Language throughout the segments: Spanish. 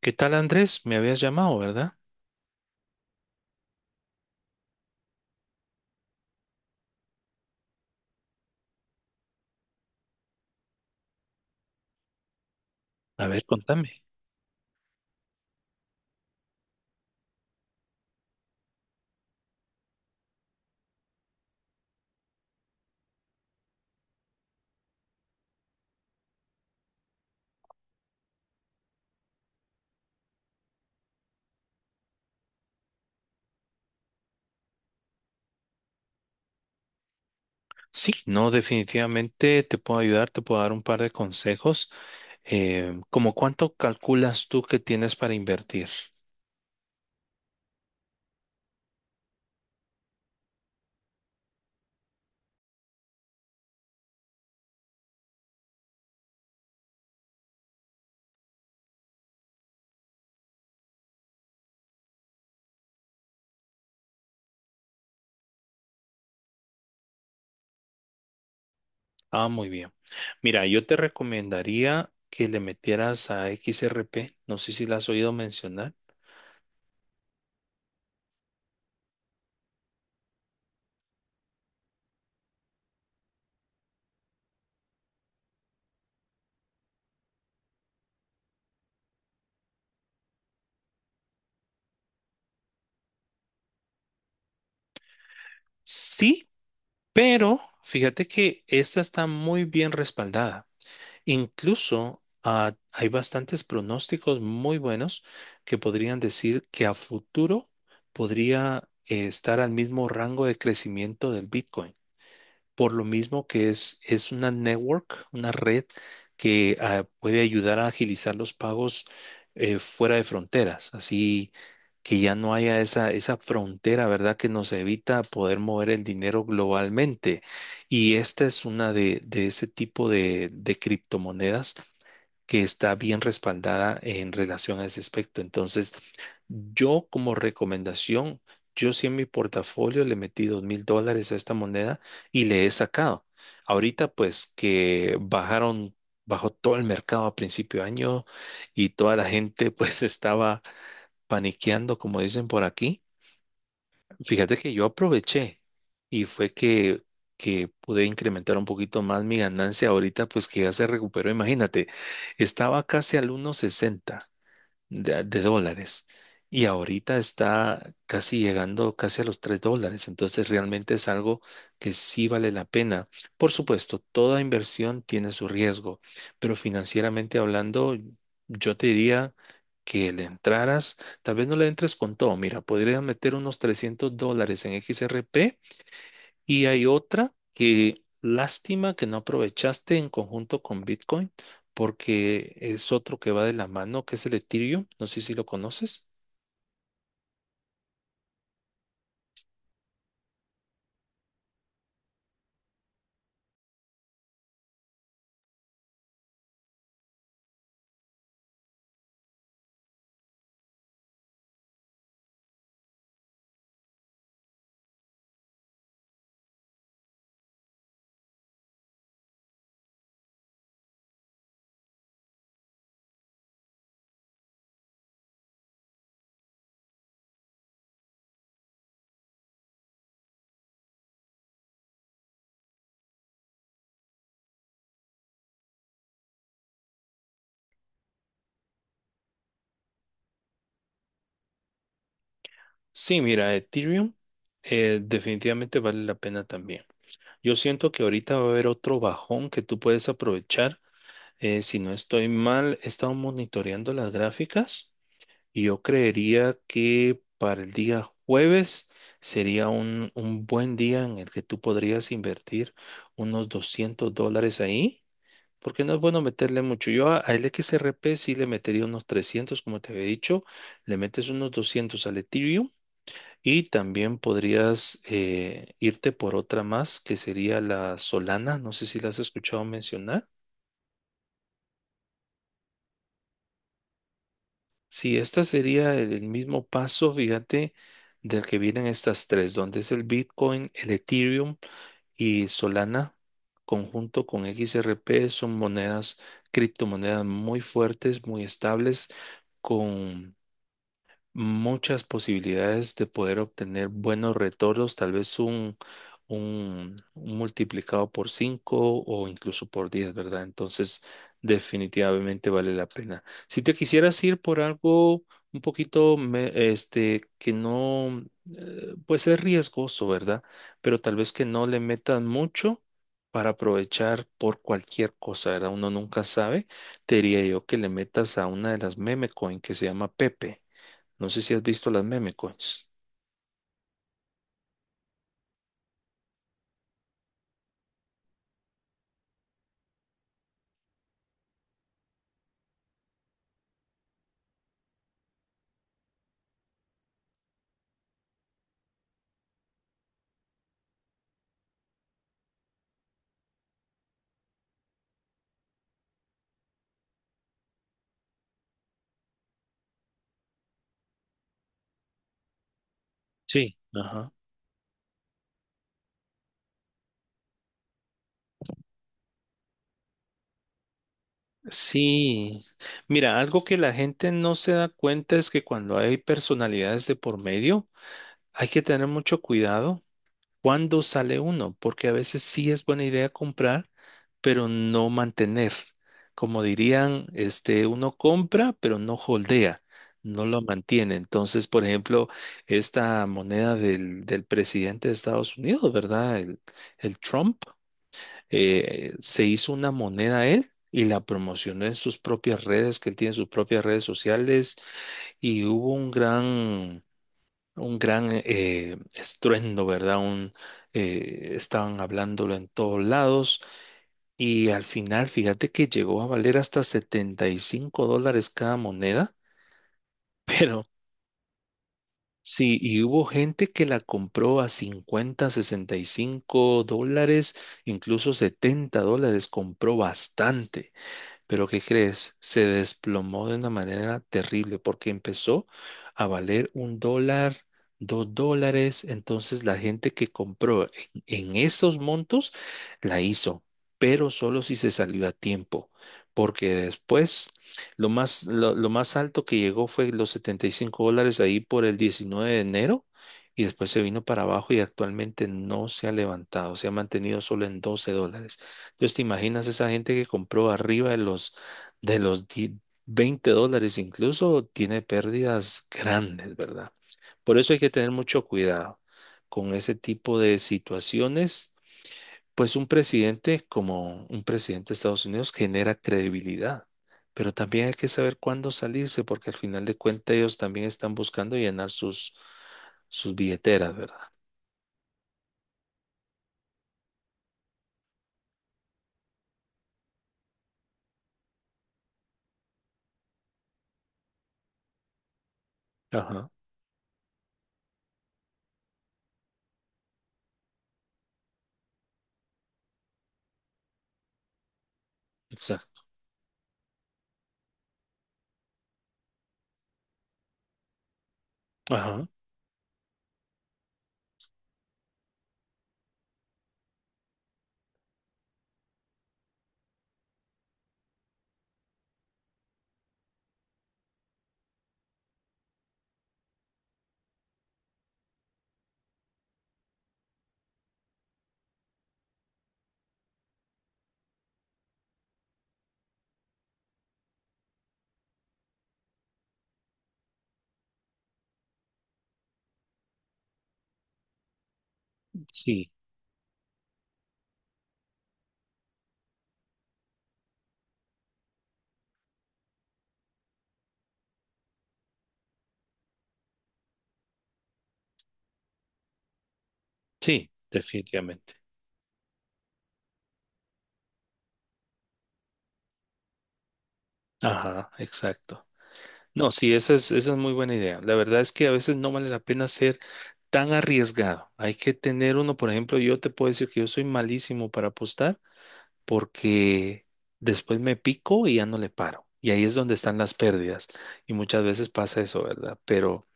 ¿Qué tal, Andrés? Me habías llamado, ¿verdad? A ver, contame. Sí, no, definitivamente te puedo ayudar, te puedo dar un par de consejos. ¿Cómo cuánto calculas tú que tienes para invertir? Ah, muy bien. Mira, yo te recomendaría que le metieras a XRP. No sé si la has oído mencionar. Sí, pero fíjate que esta está muy bien respaldada. Incluso hay bastantes pronósticos muy buenos que podrían decir que a futuro podría estar al mismo rango de crecimiento del Bitcoin por lo mismo que es una network, una red que puede ayudar a agilizar los pagos fuera de fronteras, así que ya no haya esa frontera, ¿verdad? Que nos evita poder mover el dinero globalmente. Y esta es una de ese tipo de criptomonedas que está bien respaldada en relación a ese aspecto. Entonces, yo como recomendación, yo sí en mi portafolio le metí $2,000 a esta moneda y le he sacado. Ahorita, pues que bajaron, bajó todo el mercado a principio de año y toda la gente pues estaba paniqueando, como dicen por aquí. Fíjate que yo aproveché y fue que pude incrementar un poquito más mi ganancia ahorita, pues que ya se recuperó. Imagínate, estaba casi al 1.60 de dólares y ahorita está casi llegando casi a los $3. Entonces realmente es algo que sí vale la pena. Por supuesto, toda inversión tiene su riesgo, pero financieramente hablando, yo te diría que le entraras, tal vez no le entres con todo. Mira, podrías meter unos $300 en XRP y hay otra que lástima que no aprovechaste en conjunto con Bitcoin, porque es otro que va de la mano, que es el Ethereum. No sé si lo conoces. Sí, mira, Ethereum definitivamente vale la pena también. Yo siento que ahorita va a haber otro bajón que tú puedes aprovechar. Si no estoy mal, he estado monitoreando las gráficas. Y yo creería que para el día jueves sería un buen día en el que tú podrías invertir unos $200 ahí, porque no es bueno meterle mucho. Yo al XRP sí le metería unos 300 como te había dicho, le metes unos 200 al Ethereum y también podrías irte por otra más que sería la Solana, no sé si la has escuchado mencionar. Sí, este sería el mismo paso, fíjate, del que vienen estas tres, donde es el Bitcoin, el Ethereum y Solana, conjunto con XRP, son monedas, criptomonedas muy fuertes, muy estables, muchas posibilidades de poder obtener buenos retornos, tal vez un multiplicado por 5 o incluso por 10, ¿verdad? Entonces, definitivamente vale la pena. Si te quisieras ir por algo un poquito, que no, pues es riesgoso, ¿verdad? Pero tal vez que no le metan mucho, para aprovechar por cualquier cosa, ¿verdad? Uno nunca sabe. Te diría yo que le metas a una de las meme coin que se llama Pepe. No sé si has visto las meme coins. Sí, ajá. Sí. Mira, algo que la gente no se da cuenta es que cuando hay personalidades de por medio, hay que tener mucho cuidado cuando sale uno, porque a veces sí es buena idea comprar, pero no mantener. Como dirían, uno compra, pero no holdea, no lo mantiene. Entonces, por ejemplo, esta moneda del presidente de Estados Unidos, ¿verdad? El Trump. Se hizo una moneda él y la promocionó en sus propias redes, que él tiene sus propias redes sociales y hubo un gran estruendo, ¿verdad? Estaban hablándolo en todos lados y al final, fíjate que llegó a valer hasta $75 cada moneda, pero. Sí, y hubo gente que la compró a 50, $65, incluso $70, compró bastante. Pero ¿qué crees? Se desplomó de una manera terrible porque empezó a valer $1, $2. Entonces la gente que compró en esos montos la hizo, pero solo si se salió a tiempo. Porque después lo más alto que llegó fue los $75 ahí por el 19 de enero y después se vino para abajo y actualmente no se ha levantado, se ha mantenido solo en $12. Entonces, ¿te imaginas esa gente que compró arriba de los $20 incluso tiene pérdidas grandes, ¿verdad? Por eso hay que tener mucho cuidado con ese tipo de situaciones. Pues un presidente como un presidente de Estados Unidos genera credibilidad, pero también hay que saber cuándo salirse, porque al final de cuentas ellos también están buscando llenar sus billeteras, ¿verdad? Ajá, exacto. Ajá, sí, sí, definitivamente. Ajá, exacto. No, sí, esa es muy buena idea. La verdad es que a veces no vale la pena ser tan arriesgado. Hay que tener uno, por ejemplo, yo te puedo decir que yo soy malísimo para apostar porque después me pico y ya no le paro. Y ahí es donde están las pérdidas. Y muchas veces pasa eso, ¿verdad? Pero,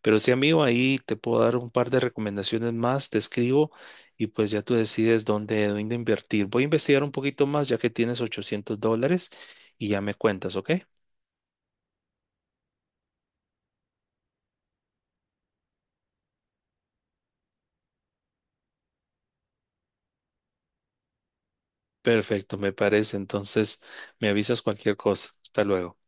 pero sí, amigo, ahí te puedo dar un par de recomendaciones más, te escribo y pues ya tú decides dónde invertir. Voy a investigar un poquito más ya que tienes $800 y ya me cuentas, ¿ok? Perfecto, me parece. Entonces, me avisas cualquier cosa. Hasta luego.